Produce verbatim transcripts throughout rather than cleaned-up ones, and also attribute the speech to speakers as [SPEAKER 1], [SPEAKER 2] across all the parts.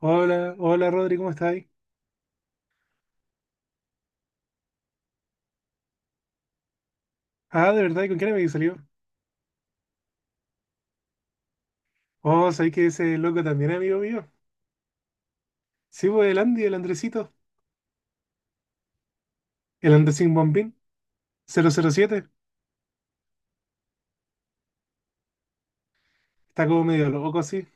[SPEAKER 1] Hola, hola Rodri, ¿cómo estás? Ah, ¿de verdad? ¿Y con quién me salió? Oh, ¿sabéis que ese loco también es amigo mío? Sí, pues el Andy, el Andresito, el Andresín Bombín, cero cero siete. Está como medio loco así.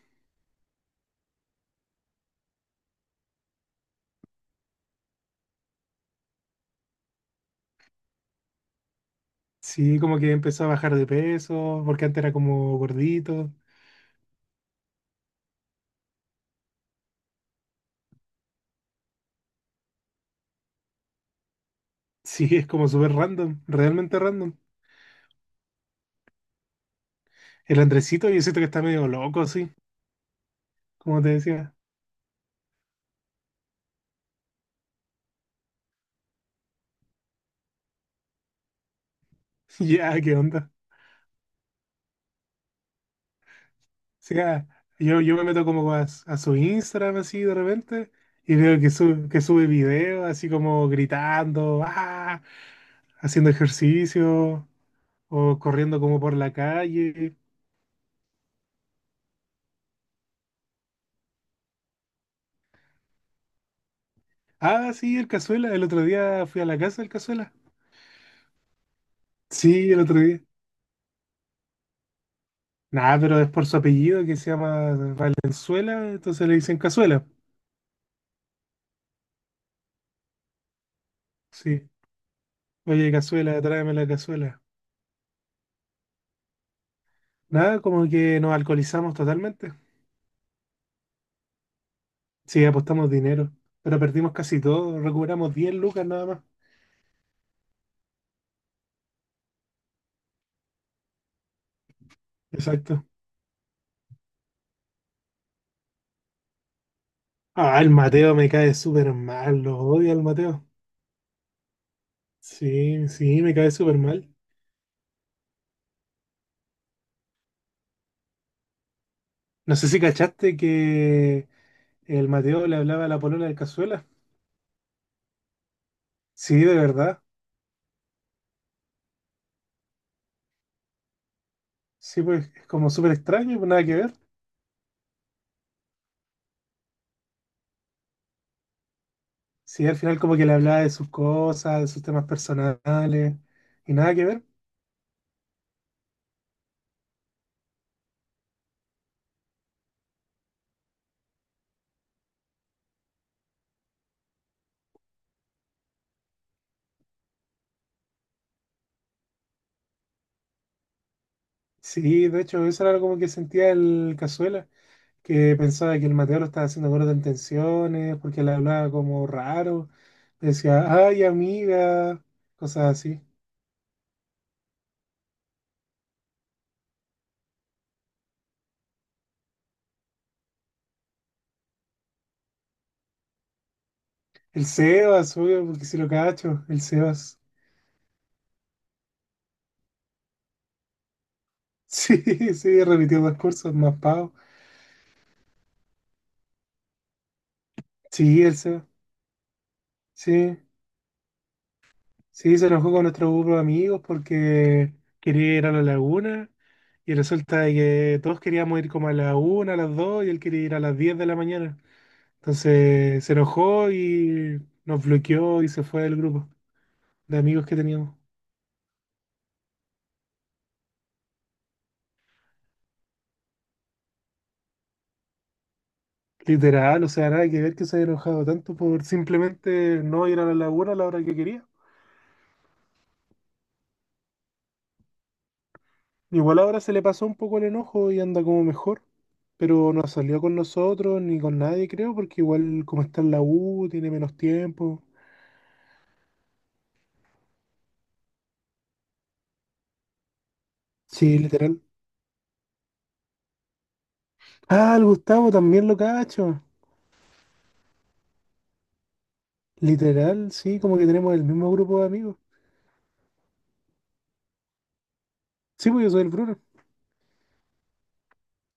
[SPEAKER 1] Sí, como que empezó a bajar de peso, porque antes era como gordito. Sí, es como súper random, realmente random. El Andresito, yo siento que está medio loco así, como te decía. Ya, ¿qué onda? Sí, ah, yo, yo me meto como a, a su Instagram así de repente y veo que, sube que sube videos así como gritando, ¡ah!, haciendo ejercicio o corriendo como por la calle. Ah, sí, el Cazuela. El otro día fui a la casa del Cazuela. Sí, el otro día. Nada, pero es por su apellido, que se llama Valenzuela, entonces le dicen Cazuela. Sí. Oye, Cazuela, tráeme la cazuela. Nada, como que nos alcoholizamos totalmente. Sí, apostamos dinero, pero perdimos casi todo, recuperamos diez lucas nada más. Exacto. Ah, el Mateo me cae súper mal, lo odio al Mateo. Sí, sí, me cae súper mal. No sé si cachaste que el Mateo le hablaba a la polola del Cazuela. Sí, de verdad. Sí, pues es como súper extraño, pues nada que ver. Sí, al final como que le hablaba de sus cosas, de sus temas personales y nada que ver. Sí, de hecho, eso era como que sentía el Cazuela, que pensaba que el Mateo lo estaba haciendo gordo en tensiones, porque le hablaba como raro, le decía, ay amiga, cosas así. El Sebas, obvio, porque si lo cacho, el Sebas. Sí, sí, repitió dos cursos, más pavo. Sí, el Sebas. Sí, sí, se enojó con nuestro grupo de amigos porque quería ir a la laguna y resulta de que todos queríamos ir como a la una, a las dos y él quería ir a las diez de la mañana. Entonces se enojó y nos bloqueó y se fue del grupo de amigos que teníamos. Literal, o sea, nada que ver que se haya enojado tanto por simplemente no ir a la laguna a la hora que quería. Igual ahora se le pasó un poco el enojo y anda como mejor, pero no salió con nosotros ni con nadie, creo, porque igual como está en la U, tiene menos tiempo. Sí, literal. Ah, el Gustavo también lo cacho. Literal, sí, como que tenemos el mismo grupo de amigos. Sí, pues yo soy el Bruno.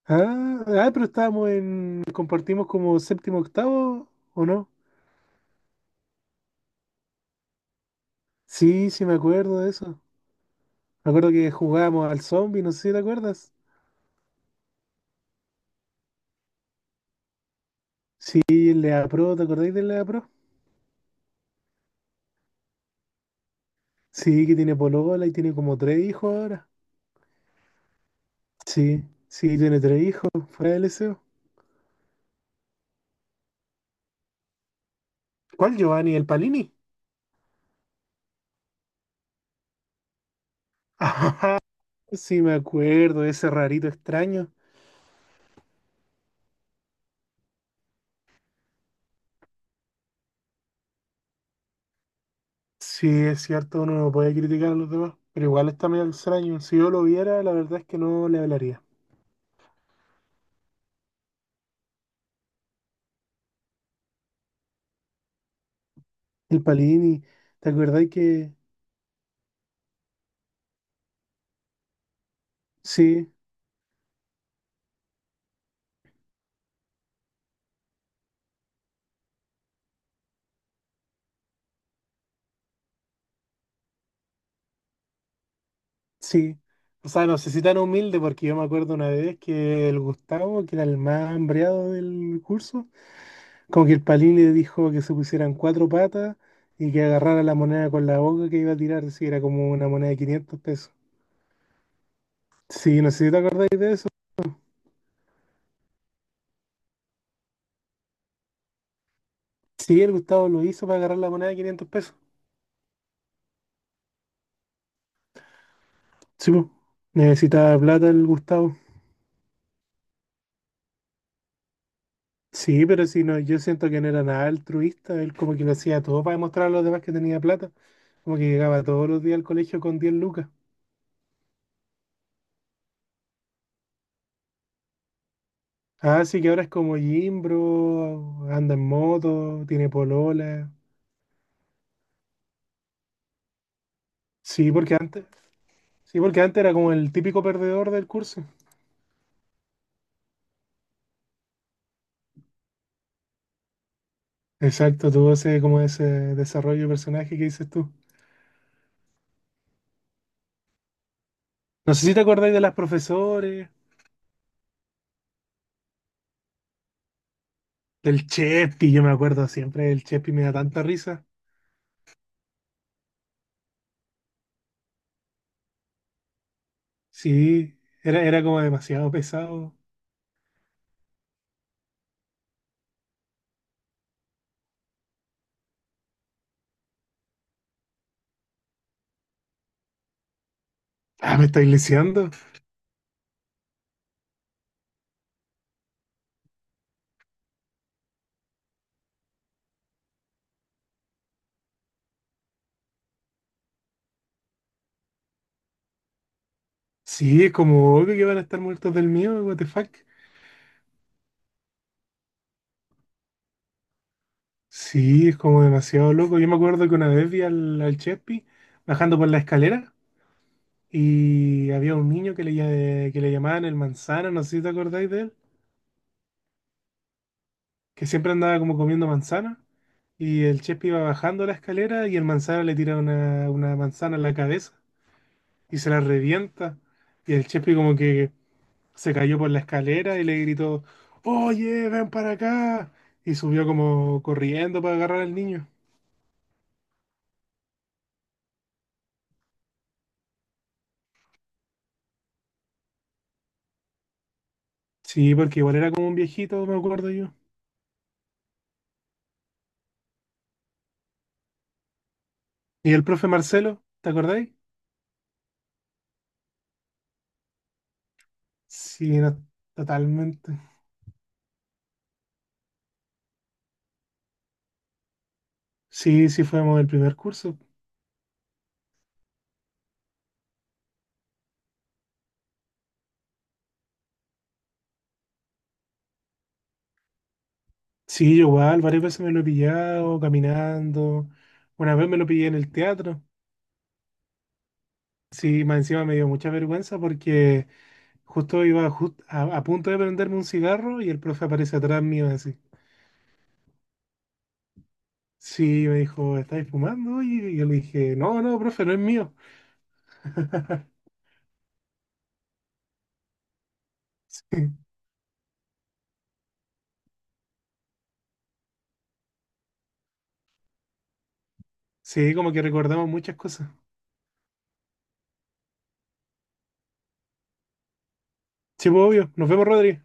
[SPEAKER 1] Ah, ah, pero estábamos en, compartimos como séptimo, octavo, ¿o no? Sí, sí me acuerdo de eso. Me acuerdo que jugábamos al zombie, no sé si te acuerdas. Sí, el Lea Pro, ¿te acordáis del Lea Pro? Sí, que tiene polola y tiene como tres hijos ahora. Sí, sí, tiene tres hijos, fuera del deseo. ¿Cuál Giovanni? ¿El Palini? Ajá, sí, me acuerdo, ese rarito extraño. Sí, es cierto, uno no puede criticar a los demás, pero igual está medio extraño. Si yo lo viera, la verdad es que no le hablaría. El Palini, ¿te acordáis que...? Sí. Sí, o sea, no sé si tan humilde, porque yo me acuerdo una vez que el Gustavo, que era el más hambreado del curso, como que el Palín le dijo que se pusieran cuatro patas y que agarrara la moneda con la boca que iba a tirar, si era como una moneda de quinientos pesos. Sí, no sé si te acordáis de eso. Sí, el Gustavo lo hizo para agarrar la moneda de quinientos pesos. Sí, po. Necesitaba plata el Gustavo. Sí, pero si no, yo siento que no era nada altruista, él como que lo hacía todo para demostrar a los demás que tenía plata, como que llegaba todos los días al colegio con diez lucas. Ah, sí, que ahora es como Jimbro, anda en moto, tiene polola. Sí, porque antes, sí, porque antes era como el típico perdedor del curso. Exacto, tuvo ese, como ese desarrollo de personaje que dices tú. No sé si te acordáis de las profesores, del Chespi, yo me acuerdo siempre, el Chespi me da tanta risa. Sí, era, era como demasiado pesado. Ah, ¿me estáis lisiando? Sí, es como obvio que van a estar muertos del mío, what the fuck. Sí, es como demasiado loco. Yo me acuerdo que una vez vi al, al Chespi bajando por la escalera y había un niño que le, lla- que le llamaban el manzana, no sé si te acordáis de él, que siempre andaba como comiendo manzana. Y el Chespi iba bajando la escalera y el manzana le tira una, una manzana en la cabeza y se la revienta. Y el Chespi como que se cayó por la escalera y le gritó: «Oye, ven para acá». Y subió como corriendo para agarrar al niño. Sí, porque igual era como un viejito, me acuerdo yo. ¿Y el profe Marcelo? ¿Te acordáis? Sí, no, totalmente. Sí, sí fuimos el primer curso. Sí, yo igual, varias veces me lo he pillado caminando. Una vez me lo pillé en el teatro. Sí, más encima me dio mucha vergüenza porque justo iba jus- a, a punto de prenderme un cigarro y el profe aparece atrás mío así. Sí, me dijo, ¿estáis fumando? Y yo le dije, no, no, profe, no es mío. Sí, sí, como que recordamos muchas cosas. Sí, pues, obvio. Nos vemos, Rodri.